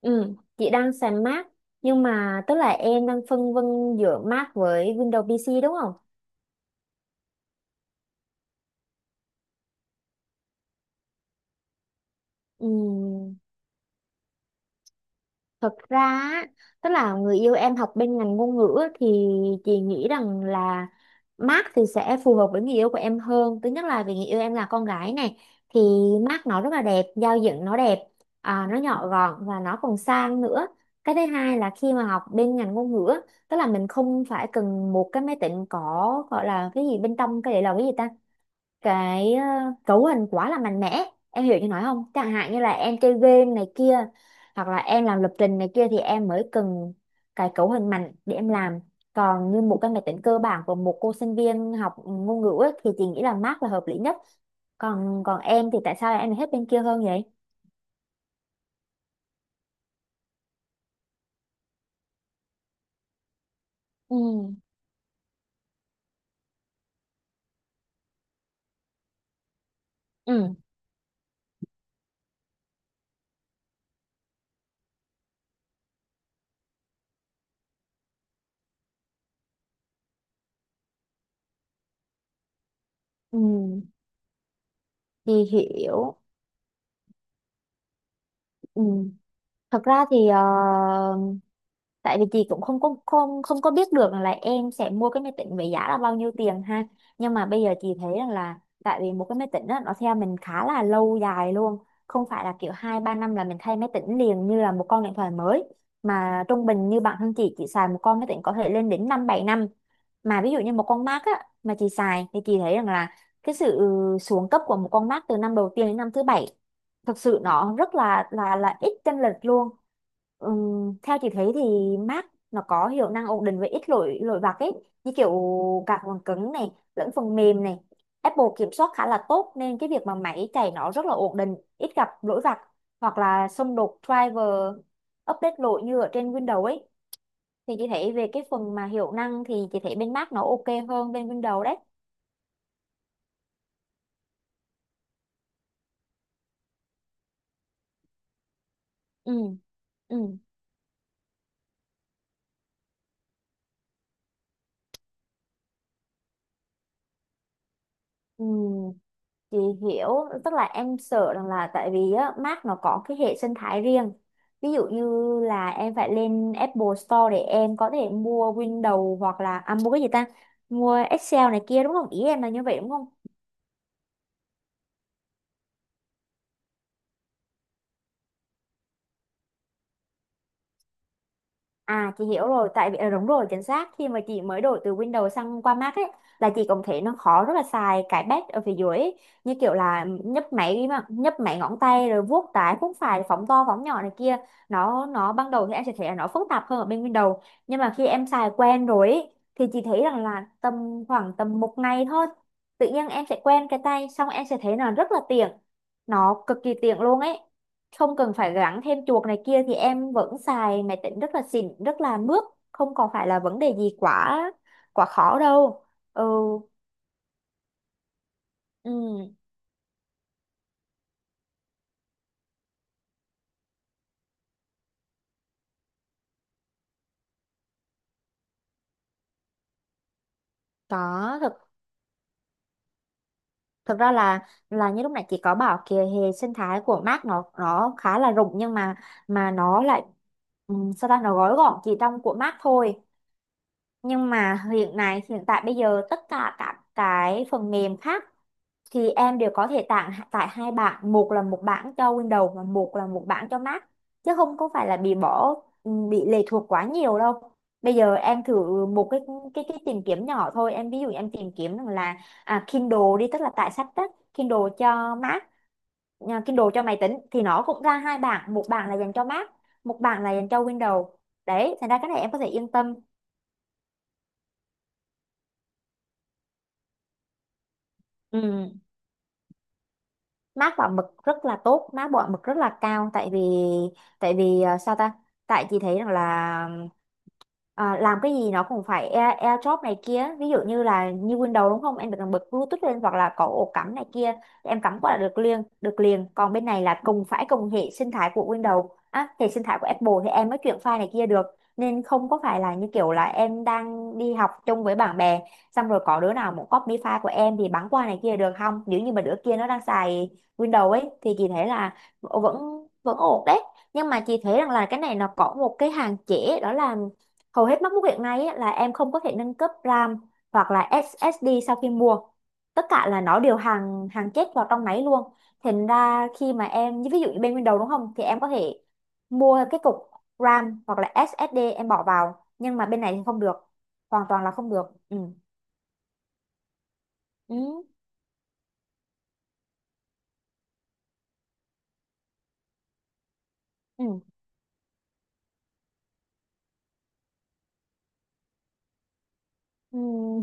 Ừ, chị đang xài Mac, nhưng mà tức là em đang phân vân giữa Mac với Windows PC đúng không? Ừ, thật ra á, tức là người yêu em học bên ngành ngôn ngữ á, thì chị nghĩ rằng là Mac thì sẽ phù hợp với người yêu của em hơn. Thứ nhất là vì người yêu em là con gái này, thì Mac nó rất là đẹp, giao diện nó đẹp, nó nhỏ gọn và nó còn sang nữa. Cái thứ hai là khi mà học bên ngành ngôn ngữ á, tức là mình không phải cần một cái máy tính có gọi là cái gì bên trong, cái để là cái gì ta, cái cấu hình quá là mạnh mẽ. Em hiểu như nói không, chẳng hạn như là em chơi game này kia, hoặc là em làm lập trình này kia, thì em mới cần cái cấu hình mạnh để em làm. Còn như một cái máy tính cơ bản của một cô sinh viên học ngôn ngữ ấy, thì chị nghĩ là Mac là hợp lý nhất. Còn còn em thì tại sao em lại hết bên kia hơn vậy? Ừ. Ừ. Ừ, chị hiểu. Ừ, thật ra thì tại vì chị cũng không có biết được là em sẽ mua cái máy tính với giá là bao nhiêu tiền ha, nhưng mà bây giờ chị thấy rằng là tại vì một cái máy tính đó, nó theo mình khá là lâu dài luôn, không phải là kiểu 2-3 năm là mình thay máy tính liền như là một con điện thoại mới, mà trung bình như bản thân chị xài một con máy tính có thể lên đến 5-7 năm. Mà ví dụ như một con Mac á, mà chị xài thì chị thấy rằng là cái sự xuống cấp của một con Mac từ năm đầu tiên đến năm thứ bảy thực sự nó rất là ít chênh lệch luôn. Theo chị thấy thì Mac nó có hiệu năng ổn định với ít lỗi lỗi vặt ấy, như kiểu cả phần cứng này lẫn phần mềm này, Apple kiểm soát khá là tốt nên cái việc mà máy chạy nó rất là ổn định, ít gặp lỗi vặt hoặc là xung đột driver, update lỗi như ở trên Windows ấy. Thì chị thấy về cái phần mà hiệu năng thì chị thấy bên Mac nó ok hơn bên Windows đấy. Ừ. Ừ. Ừ, chị hiểu, tức là em sợ rằng là tại vì á, Mac nó có cái hệ sinh thái riêng. Ví dụ như là em phải lên Apple Store để em có thể mua Windows hoặc là mua cái gì ta? Mua Excel này kia đúng không? Ý em là như vậy đúng không? À chị hiểu rồi, tại vì đúng rồi, chính xác, khi mà chị mới đổi từ Windows sang qua Mac ấy, là chị cũng thấy nó khó, rất là xài cái pad ở phía dưới ấy. Như kiểu là nhấp máy mà nhấp máy ngón tay rồi vuốt trái vuốt phải phóng to phóng nhỏ này kia, nó ban đầu thì em sẽ thấy là nó phức tạp hơn ở bên Windows, nhưng mà khi em xài quen rồi ấy, thì chị thấy rằng là tầm khoảng tầm một ngày thôi, tự nhiên em sẽ quen cái tay xong em sẽ thấy là rất là tiện, nó cực kỳ tiện luôn ấy, không cần phải gắn thêm chuột này kia thì em vẫn xài máy tính rất là xịn rất là mướt, không còn phải là vấn đề gì quá quá khó đâu. Ừ. Ừ, có thực thực ra là như lúc nãy chị có bảo kìa, hệ sinh thái của Mac nó khá là rộng, nhưng mà nó lại, sao ta, nó gói gọn chỉ trong của Mac thôi, nhưng mà hiện nay hiện tại bây giờ tất cả các cái phần mềm khác thì em đều có thể tặng tại hai bảng, một là một bảng cho Windows và một là một bảng cho Mac, chứ không có phải là bị bỏ, bị lệ thuộc quá nhiều đâu. Bây giờ em thử một cái cái tìm kiếm nhỏ thôi, em ví dụ em tìm kiếm rằng là Kindle đi, tức là tải sách đó. Kindle cho Mac, Kindle cho máy tính, thì nó cũng ra hai bảng, một bảng là dành cho Mac, một bảng là dành cho Windows. Đấy, thành ra cái này em có thể yên tâm. Ừ. Mác bảo mực rất là tốt, mác bảo mực rất là cao, tại vì sao ta, tại chị thấy rằng là làm cái gì nó cũng phải Air, AirDrop này kia, ví dụ như là như Windows đúng không, em phải cần bật Bluetooth lên hoặc là có ổ cắm này kia, em cắm qua là được liền được liền, còn bên này là cùng phải cùng hệ sinh thái của Windows á, hệ sinh thái của Apple thì em mới chuyển file này kia được, nên không có phải là như kiểu là em đang đi học chung với bạn bè, xong rồi có đứa nào muốn copy file của em thì bắn qua này kia được không, nếu như mà đứa kia nó đang xài Windows ấy, thì chị thấy là vẫn vẫn ổn đấy. Nhưng mà chị thấy rằng là cái này nó có một cái hạn chế đó là hầu hết MacBook hiện nay ấy, là em không có thể nâng cấp RAM hoặc là SSD sau khi mua. Tất cả là nó đều hàng hàng chết vào trong máy luôn. Thành ra khi mà em, như ví dụ như bên Windows đúng không, thì em có thể mua cái cục RAM hoặc là SSD em bỏ vào, nhưng mà bên này thì không được. Hoàn toàn là không được. Ừ. Ừ. Ừ. Ừ,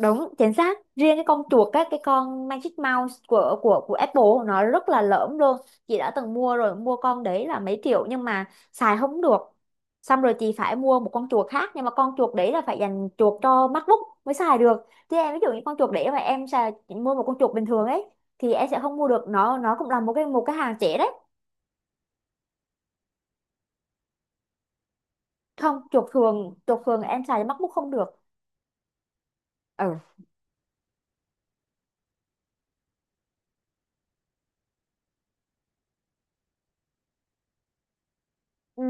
đúng chính xác, riêng cái con chuột á, cái con Magic Mouse của Apple nó rất là lởm luôn. Chị đã từng mua rồi, mua con đấy là mấy triệu, nhưng mà xài không được. Xong rồi chị phải mua một con chuột khác, nhưng mà con chuột đấy là phải dành chuột cho MacBook mới xài được. Chứ em ví dụ như con chuột đấy mà em xài, mua một con chuột bình thường ấy, thì em sẽ không mua được, nó cũng là một cái, một cái hàng trẻ đấy. Không, chuột thường, chuột thường em xài cho MacBook không được. Ừ. Ừ,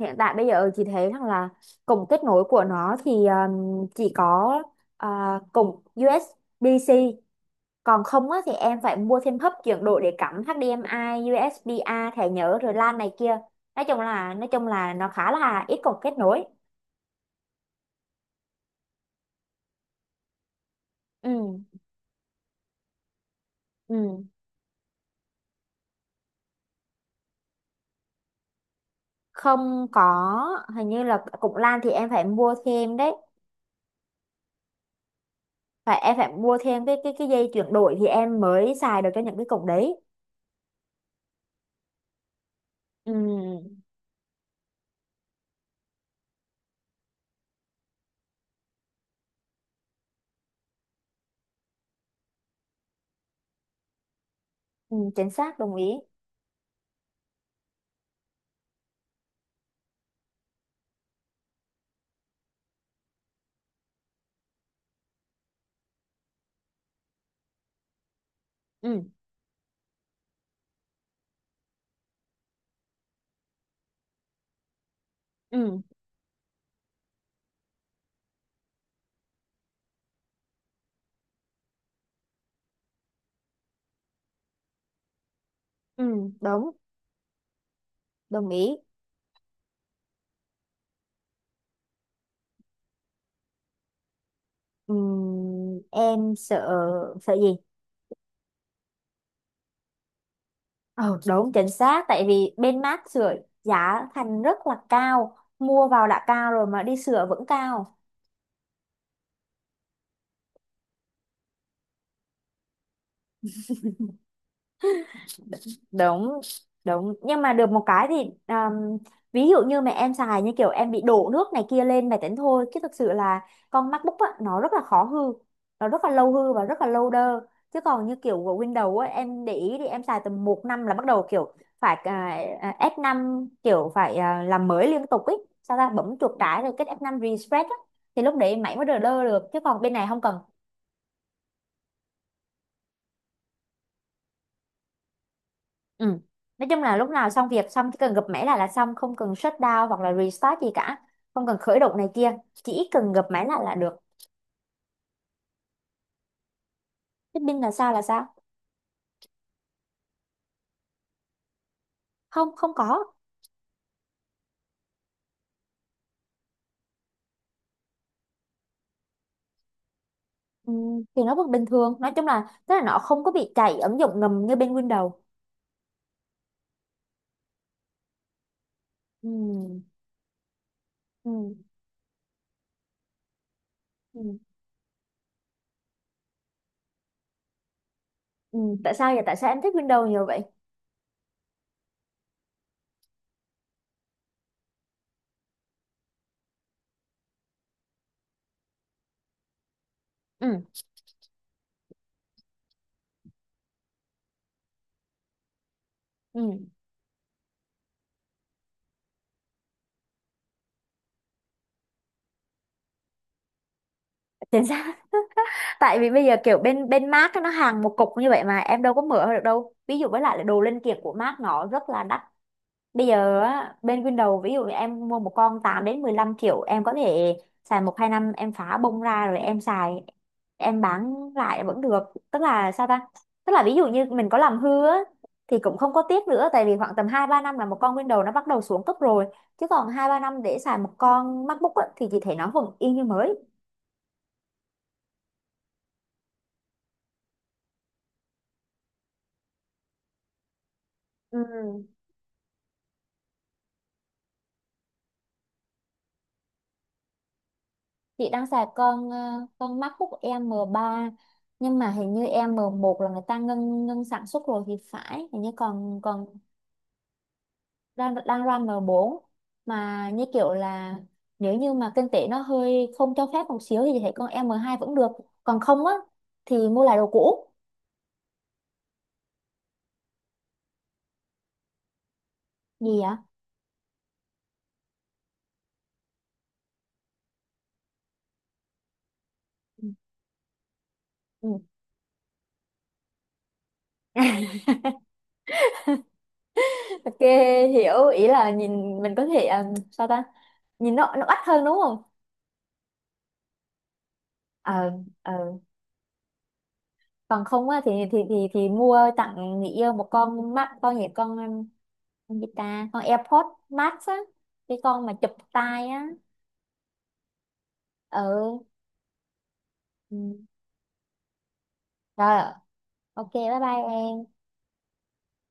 hiện tại bây giờ chị thấy rằng là cổng kết nối của nó thì chỉ có cổng USB-C, còn không á, thì em phải mua thêm hub chuyển đổi để cắm HDMI, USB-A, thẻ nhớ rồi LAN này kia. Nói chung là nó khá là ít cổng kết nối. Ừ. Ừ. Không có, hình như là cổng LAN thì em phải mua thêm đấy, phải em phải mua thêm cái cái dây chuyển đổi thì em mới xài được cho những cái cổng đấy. Ừ. Ừ, chính xác, đồng ý. Ừ. Ừ. Ừ, đúng, đồng ý. Em sợ, sợ gì? Ờ, đúng chính xác, tại vì bên mát sưởi giá thành rất là cao, mua vào đã cao rồi mà đi sửa vẫn cao. Đúng. Đúng, nhưng mà được một cái thì um, ví dụ như mà em xài, như kiểu em bị đổ nước này kia lên máy tính thôi, chứ thực sự là con MacBook á, nó rất là khó hư, nó rất là lâu hư và rất là lâu đơ. Chứ còn như kiểu của Windows á, em để ý thì em xài tầm một năm là bắt đầu kiểu phải F năm, kiểu phải làm mới liên tục ấy, sao ta, bấm chuột trái rồi kết F năm refresh á, thì lúc đấy máy mới đờ đơ được, chứ còn bên này không cần. Ừ. Nói chung là lúc nào xong việc xong chỉ cần gập máy lại là xong, không cần shut down hoặc là restart gì cả, không cần khởi động này kia, chỉ cần gập máy lại là được. Thế pin là sao, là sao? Không, không có. Ừ, thì nó vẫn bình thường, nói chung là tức là nó không có bị chạy ứng dụng ngầm như bên Windows. Ừ. Ừ. Ừ. Ừ, tại sao vậy, tại sao em thích Windows nhiều vậy? Ừ. Ừ, chính xác. Tại vì bây giờ kiểu bên bên Mac á, nó hàng một cục như vậy mà em đâu có mở được đâu, ví dụ với lại là đồ linh kiện của Mac nó rất là đắt. Bây giờ á, bên Windows ví dụ như em mua một con 8 đến 15 triệu, em có thể xài 1-2 năm, em phá bông ra rồi em xài, em bán lại vẫn được. Tức là sao ta, tức là ví dụ như mình có làm hư á, thì cũng không có tiếc nữa, tại vì khoảng tầm 2-3 năm là một con Windows nó bắt đầu xuống cấp rồi, chứ còn 2-3 năm để xài một con MacBook á, thì chị thấy nó vẫn y như mới. Ừ. Chị đang xài con con MacBook M ba, nhưng mà hình như M một là người ta ngưng ngưng sản xuất rồi thì phải, hình như còn còn đang đang run M4, mà như kiểu là nếu như mà kinh tế nó hơi không cho phép một xíu thì chị thấy con M2 vẫn được, còn không á thì mua lại đồ cũ. Gì ạ? Ừ. Ừ. Ok, hiểu ý là nhìn mình có thể sao ta, nhìn nó bắt hơn đúng không? Ờ. Ờ, còn không á thì mua tặng người yêu một con mắt, con gì, con gì ta, con AirPods Max á, cái con mà chụp tai á. Ừ. Ừ. Rồi. Ok, bye bye em.